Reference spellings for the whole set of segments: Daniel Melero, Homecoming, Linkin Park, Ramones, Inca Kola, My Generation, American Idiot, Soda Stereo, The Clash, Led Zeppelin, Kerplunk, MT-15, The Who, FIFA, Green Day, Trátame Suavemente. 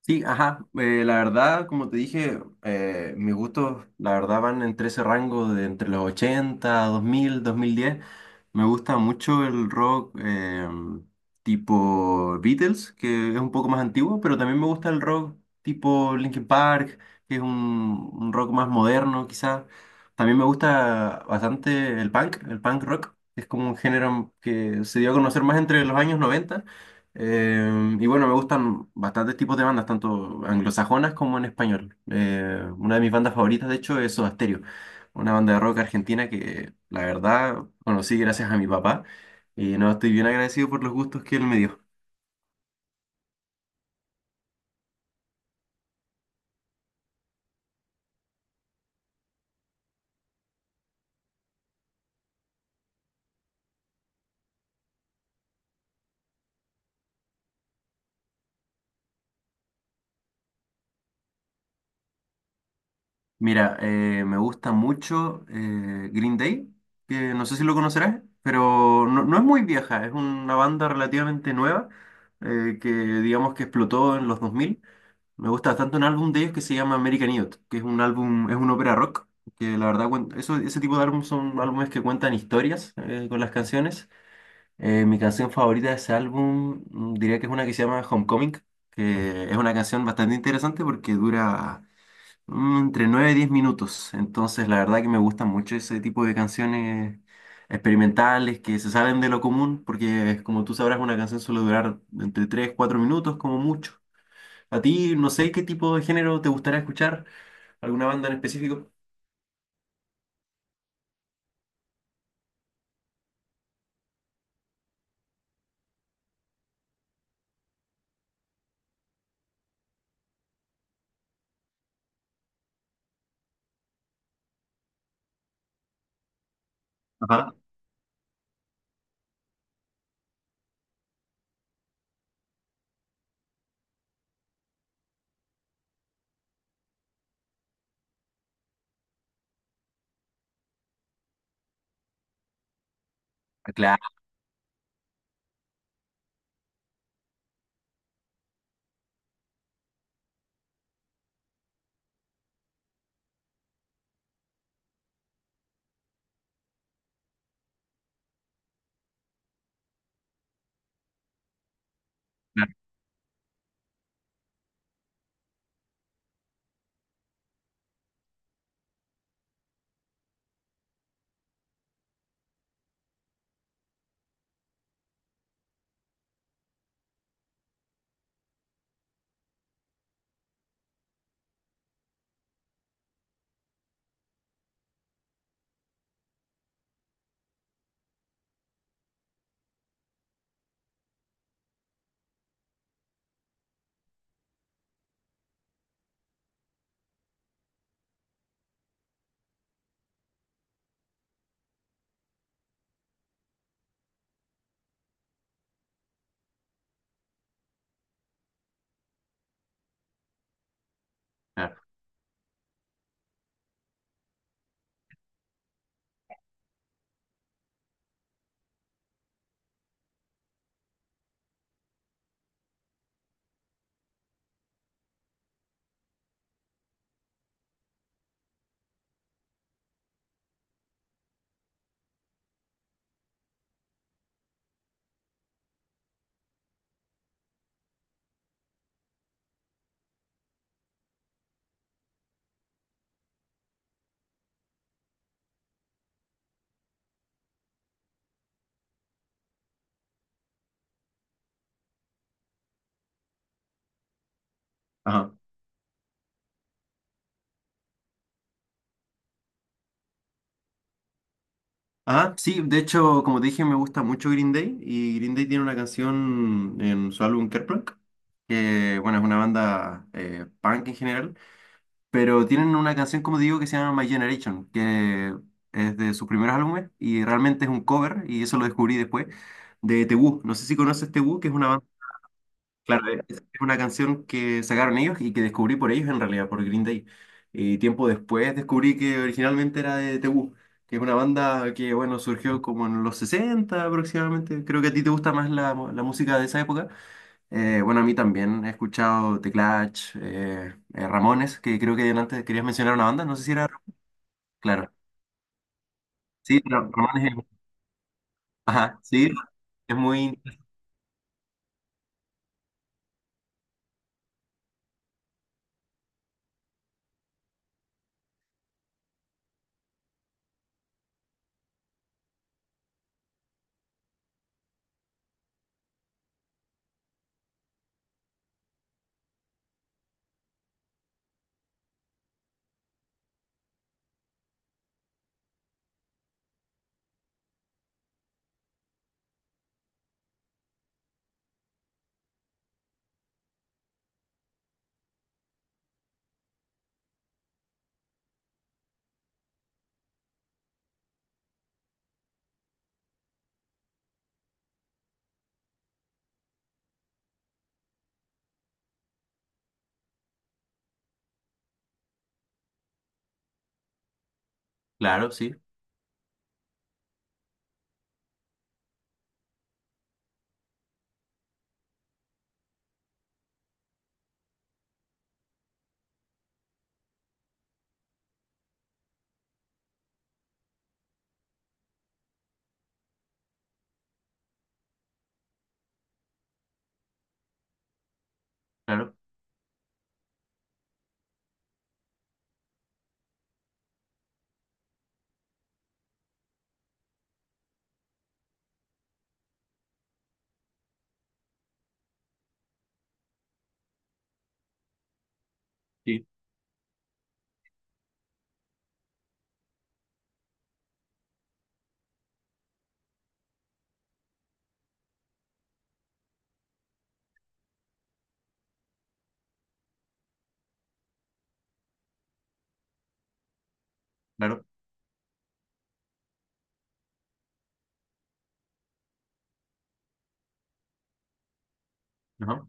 Sí, ajá. La verdad, como te dije, mis gustos, la verdad, van entre ese rango de entre los 80, 2000, 2010. Me gusta mucho el rock tipo Beatles, que es un poco más antiguo, pero también me gusta el rock tipo Linkin Park, que es un rock más moderno, quizás. También me gusta bastante el punk rock, que es como un género que se dio a conocer más entre los años 90. Eh, y bueno, me gustan bastantes tipos de bandas, tanto anglosajonas como en español. Una de mis bandas favoritas, de hecho, es Soda Stereo, una banda de rock argentina que la verdad conocí gracias a mi papá y no estoy bien agradecido por los gustos que él me dio. Mira, me gusta mucho Green Day, que no sé si lo conocerás, pero no, no es muy vieja, es una banda relativamente nueva que digamos que explotó en los 2000. Me gusta bastante un álbum de ellos que se llama American Idiot, que es un álbum, es un ópera rock, que la verdad, eso, ese tipo de álbum son álbumes que cuentan historias con las canciones. Mi canción favorita de ese álbum diría que es una que se llama Homecoming, que es una canción bastante interesante porque dura entre 9 y 10 minutos. Entonces, la verdad que me gustan mucho ese tipo de canciones experimentales que se salen de lo común, porque como tú sabrás, una canción suele durar entre 3, 4 minutos como mucho. A ti, no sé qué tipo de género te gustaría escuchar, alguna banda en específico. Ajá. Ah, claro. Claro. Ajá. Ah, sí, de hecho, como te dije, me gusta mucho Green Day y Green Day tiene una canción en su álbum Kerplunk, que bueno, es una banda punk en general, pero tienen una canción, como digo, que se llama My Generation, que es de sus primeros álbumes y realmente es un cover, y eso lo descubrí después, de The Who. No sé si conoces The Who, que es una banda. Claro, es una canción que sacaron ellos y que descubrí por ellos en realidad, por Green Day. Y tiempo después descubrí que originalmente era de The Who, que es una banda que, bueno, surgió como en los 60 aproximadamente. Creo que a ti te gusta más la, mu- la música de esa época. Bueno, a mí también he escuchado The Clash, Ramones, que creo que antes querías mencionar una banda, no sé si era... Claro, sí, pero Ramones es... Ajá, sí, es muy... Claro, sí, claro, sí, claro. Ajá,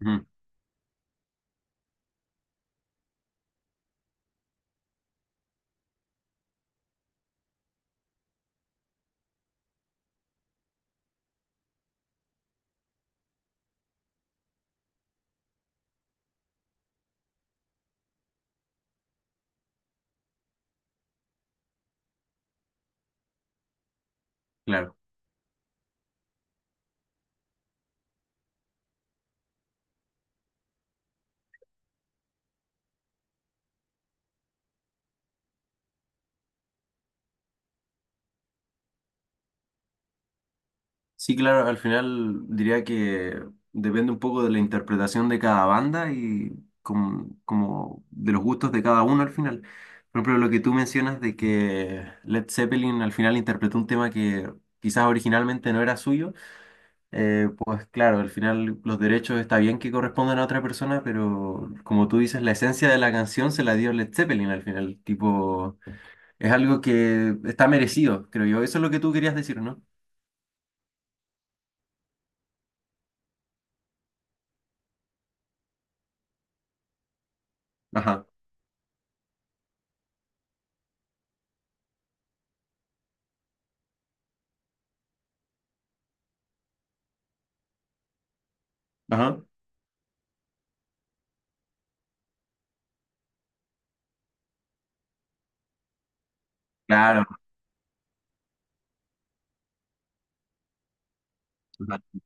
ujú, claro. Sí, claro, al final diría que depende un poco de la interpretación de cada banda y como de los gustos de cada uno al final. Por ejemplo, lo que tú mencionas de que Led Zeppelin al final interpretó un tema que quizás originalmente no era suyo, pues claro, al final los derechos está bien que correspondan a otra persona, pero como tú dices, la esencia de la canción se la dio Led Zeppelin al final. Tipo, es algo que está merecido, creo yo. Eso es lo que tú querías decir, ¿no? Ajá, ajá. Claro. Vale.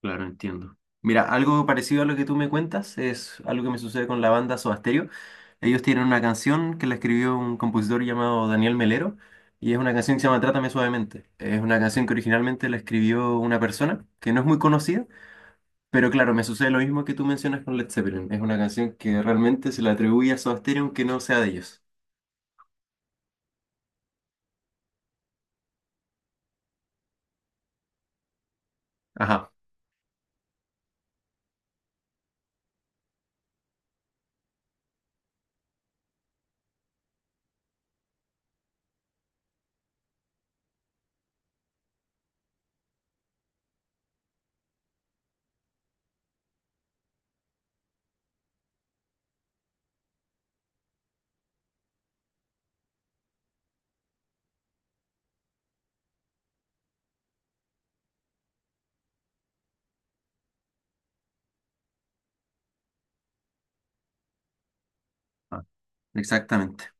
Claro, entiendo. Mira, algo parecido a lo que tú me cuentas es algo que me sucede con la banda Soda Stereo. Ellos tienen una canción que la escribió un compositor llamado Daniel Melero y es una canción que se llama Trátame Suavemente. Es una canción que originalmente la escribió una persona que no es muy conocida, pero claro, me sucede lo mismo que tú mencionas con Led Zeppelin. Es una canción que realmente se le atribuye a Soda Stereo aunque no sea de ellos. Ajá. Ah, exactamente.